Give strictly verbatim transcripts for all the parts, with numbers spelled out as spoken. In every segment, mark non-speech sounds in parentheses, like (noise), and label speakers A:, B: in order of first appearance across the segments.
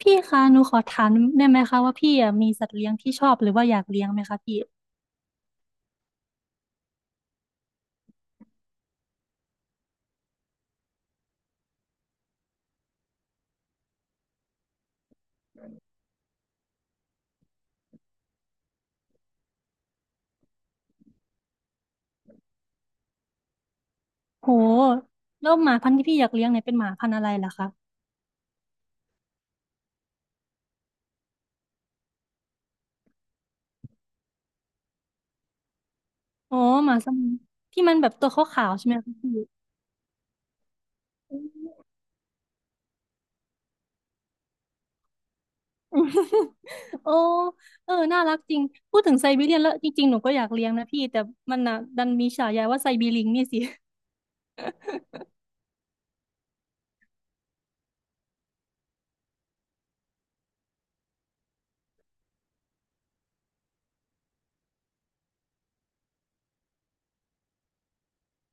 A: พี่คะหนูขอถามได้ไหมคะว่าพี่อะมีสัตว์เลี้ยงที่ชอบหรือว่าอยากเลี้ยงไหมคะพี่โหแล้วหมาพันธุ์ที่พี่อยากเลี้ยงเนี่ยเป็นหมาพันธุ์อะไรล่ะคะอ๋อหมาสมิงที่มันแบบตัวขาวๆใช่ไหมคะพี่ (laughs) โอ้เออน่ารักจริงพูดถึงไซบีเรียนแล้วจริงๆหนูก็อยากเลี้ยงนะพี่แต่มันน่ะดันมีฉายาว่าไซบีลิงนี่สิ (laughs)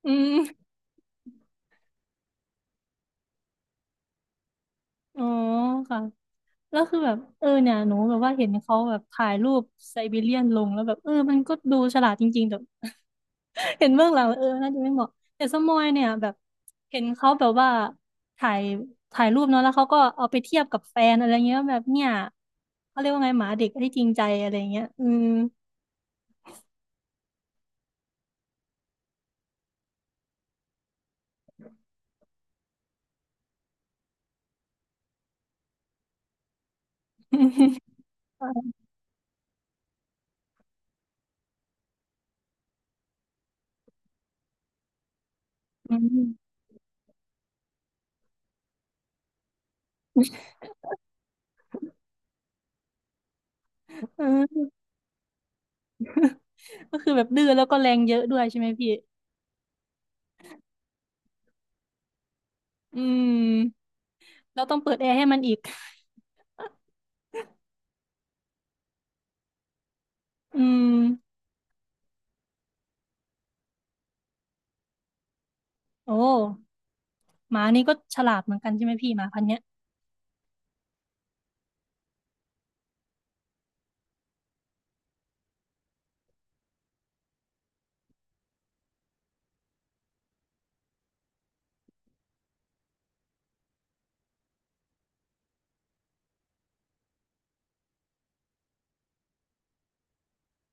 A: อืมอ๋อค่ะแล้วคือแบบเออเนี่ยหนูแบบว่าเห็นเขาแบบถ่ายรูปไซบีเรียนลงแล้วแบบเออมันก็ดูฉลาดจริงๆแต่ เห็นเบื้องหลังแล้วเออน่าจะไม่เหมาะแต่สมอยเนี่ยแบบเห็นเขาแบบว่าถ่ายถ่ายรูปเนาะแล้วเขาก็เอาไปเทียบกับแฟนอะไรเงี้ยแบบเนี่ยเขาเรียกว่าไงหมาเด็กที่จริงใจอะไรเงี้ยอืม (laughs) อืมอืมก็คือแบบดื้อแล้วก็แรงเยอะด้วยใช่ไหมพี่อืมแล้วต้องเปิดแอร์ให้มันอีกอืมโอ้หมานี่ก็ฉลาดเหมือนกันใช่ไหมพี่หมาพันธุ์เนี้ย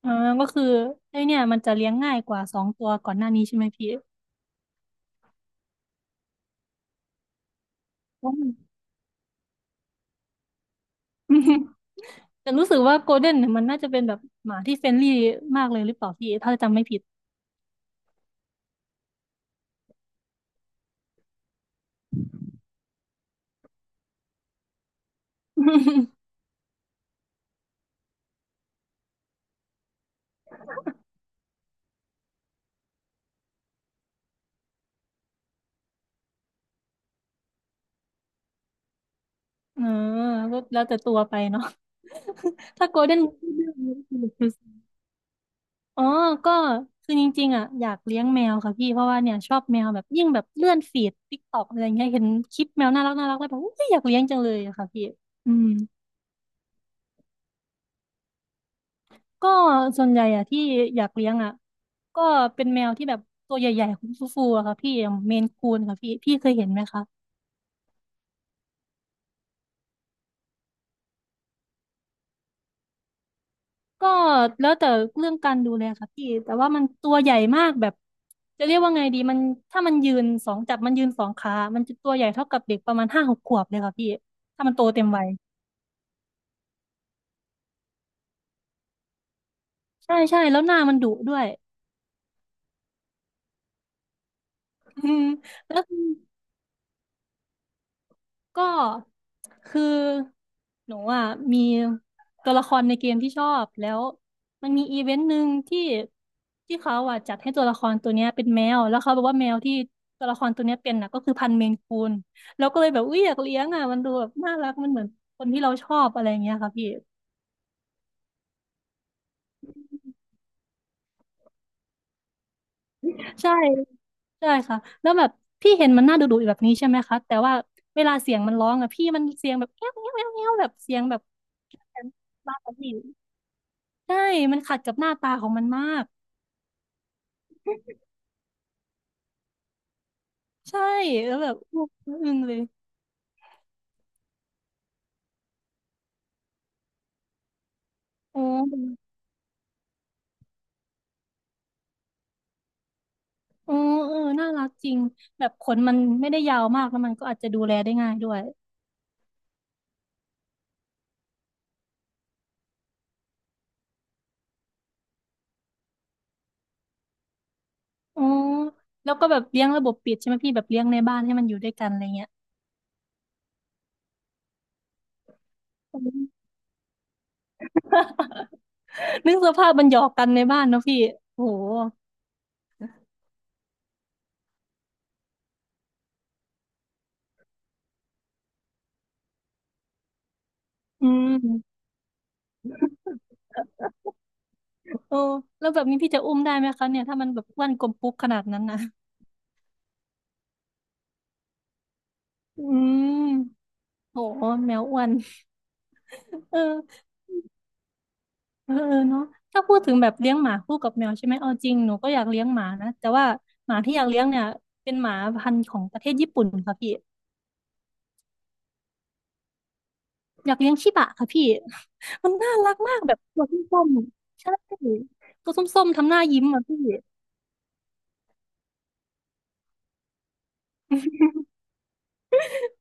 A: อ่าก็คือไอเนี่ยมันจะเลี้ยงง่ายกว่าสองตัวก่อนหน้านี้ใช่ไหมพี่อืม แต่รู้สึกว่าโกลเด้นเนี่ยมันน่าจะเป็นแบบหมาที่เฟรนลี่มากเลยหรือเปล่าพี่ถ้าจำไม่ผิด (laughs) เออก็แล้วแต่ตัวไปเนาะ (laughs) ถ้าโกลเด้นอ๋อก็คือจริงๆอ่ะอยากเลี้ยงแมวค่ะพี่เพราะว่าเนี่ยชอบแมวแบบยิ่งแบบเลื่อนฟีดติ๊กต็อกอะไรเงี้ยเห็นคลิปแมวน่ารักน่ารักแล้วแบบอุ๊ยอยากเลี้ยงจังเลยอะค่ะพี่อืมก็ส่วนใหญ่อ่ะที่อยากเลี้ยงอ่ะก็เป็นแมวที่แบบตัวใหญ่ๆฟูๆอะค่ะพี่อย่างเมนคูนค่ะพี่พี่เคยเห็นไหมคะ ก็แล้วแต่เรื่องการดูแลค่ะพี่แต่ว่ามันตัวใหญ่มากแบบจะเรียกว่าไงดีมันถ้ามันยืนสองจับมันยืนสองขามันจะตัวใหญ่เท่ากับเด็กประมาณห้าหกขวบเลยค่ะพี่ถ้ามันโตเต็มวัยใช่ใช่แล้วหน้ามันดุด้วยอืมแล้ว ก็คือหนูอ่ะมีตัวละครในเกมที่ชอบแล้วมันมีอีเวนต์หนึ่งที่ที่เขาอ่ะจัดให้ตัวละครตัวเนี้ยเป็นแมวแล้วเขาบอกว่าแมวที่ตัวละครตัวเนี้ยเป็นน่ะก็คือพันธุ์เมนคูนแล้วก็เลยแบบอุ้ยอยากเลี้ยงอ่ะมันดูแบบน่ารักมันเหมือนคนที่เราชอบอะไรอย่างเงี้ยค่ะพี่ใช่ใช่ค่ะแล้วแบบพี่เห็นมันน่าดุดุแบบนี้ใช่ไหมคะแต่ว่าเวลาเสียงมันร้องอ่ะพี่มันเสียงแบบแง้วแง้วแง้วแง้วแบบเสียงแบบมากกว่าพี่ ใช่มันขัดกับหน้าตาของมันมากใช่แล้วแบบอึ้งเลยโอ้โอ้เออน่ารักจริงแบบขนมันไม่ได้ยาวมากแล้วมันก็อาจจะดูแลได้ง่ายด้วยอ๋อแล้วก็แบบเลี้ยงระบบปิดใช่ไหมพี่แบบเลี้ยงในบ้านให้มันอยู่ด้วยกันอะไรเงี้ย (laughs) อืม (laughs) นึกสภาพมันหยอกกันในบ้านเนอะพี่โอ้โหอืมโอ้แล้วแบบนี้พี่จะอุ้มได้ไหมคะเนี่ยถ้ามันแบบอ้วนกลมปุ๊กขนาดนั้นนะอืมโหแมวอ้วนเออ เออเออเนาะถ้าพูดถึงแบบเลี้ยงหมาคู่กับแมวใช่ไหมเอาจริงหนูก็อยากเลี้ยงหมานะแต่ว่าหมาที่อยากเลี้ยงเนี่ยเป็นหมาพันธุ์ของประเทศญี่ปุ่นค่ะพี่อยากเลี้ยงชิบะค่ะพี่ (laughs) มันน่ารักมากแบบตัวส้มๆใช่ตัวส้มๆทำหน้ายิ้มอ่ะพี่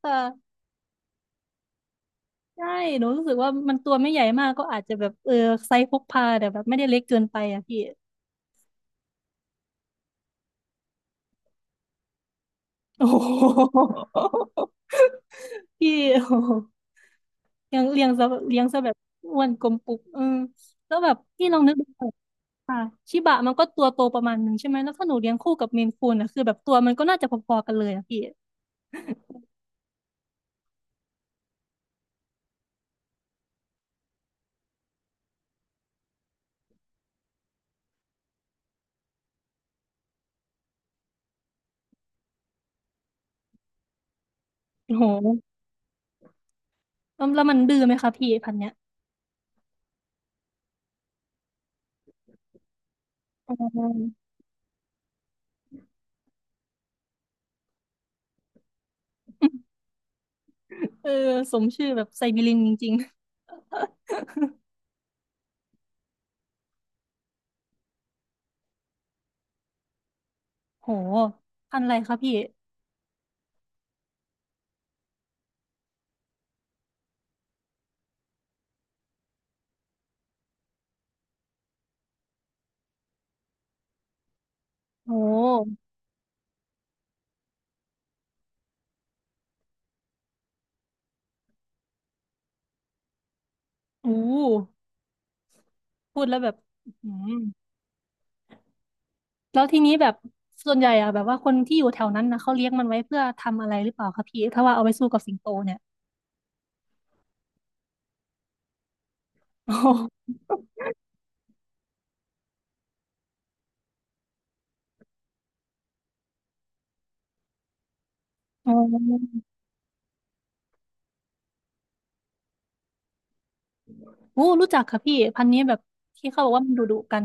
A: เออใช่หนูรู้สึกว่ามันตัวไม่ใหญ่มากก็อาจจะแบบเออไซส์พกพาแต่แบบไม่ได้เล็กเกินไปอ่ะพี่ (laughs) โอ้โหพี่โอ้โหเลี้ยงเลี้ยงซะเลี้ยงซะแบบอ้วนกลมปุกเออแล้วแบบพี่ลองนึกดู ค่ะชิบะมันก็ตัวโตประมาณหนึ่งใช่ไหมแล้วถ้าหนูเลี้ยงคู่กับเมนคูนอ่ะคือแบบตัวมันก็น่าจะพอๆกันเลยอะพี่โอ้โหแล้วแล้วมันดื้อไหมคะพี่พันธุ์เนี้ยออเออสมชื่อแบบไซบีเรินจริงๆโหพันธุ์อะไรคะพี่โหอู้พูดแล้วแบบอื้อหือแล้วทีนี้แบบส่วนใหญ่อะแบบว่าคนที่อยู่แถวนั้นนะเขาเลี้ยงมันไว้เพื่อทำอะไรหรือเปล่าคะพี่ถ้าว่าเอาไปสู้กับสิงโตเนี่ยโอ้โหโอโหรู้จักค่ะพี่พันธุ์นี้แบบที่เขาบอกว่ามันดุๆกัน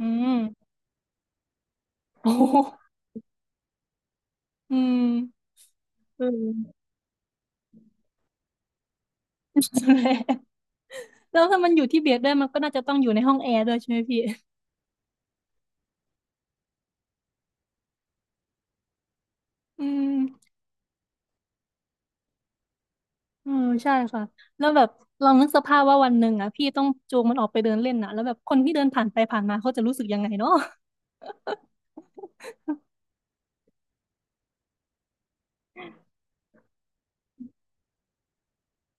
A: อืมโอ้โห อืม (laughs) เอืมนั่นแหละแล้วถ้ามันอยู่ที่เบียดด้วยมันก็น่าจะต้องอยู่ในห้องแอร์ด้วยใช่ไหมพี่อืมอืมใช่ค่ะแล้วแบบลองนึกสภาพว่าวันหนึ่งอ่ะพี่ต้องจูงมันออกไปเดินเล่นน่ะแล้วแบบคนที่เดินผ่านไปผ่านมาเขาจะรู้สึกยังไงเนาะ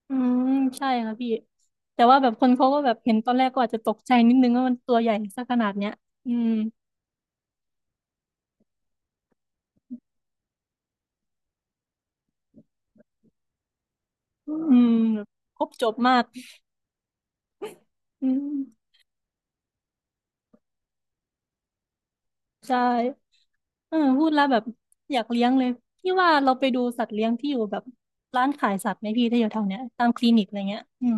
A: อืมใช่ค่ะพี่แต่ว่าแบบคนเขาก็แบบเห็นตอนแรกก็อาจจะตกใจนิดนึงว่ามันตัวใหญ่ซะขนาดเนี้ยอืมอืมแบบครบจบมากอืมใช่ เออพูดแล้วแบบอยากเลี้ยงเลยพี่ว่าเราไปดูสัตว์เลี้ยงที่อยู่แบบร้านขายสัตว์ไหมพี่ถ้าอยู่แถวเนี้ยตามคลินิกอะไรเงี้ยอืม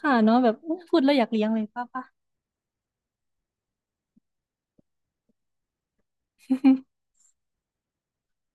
A: ค่ะเนาะแบบพูดแล้วอยากเลี้ยงเลยป้าป้า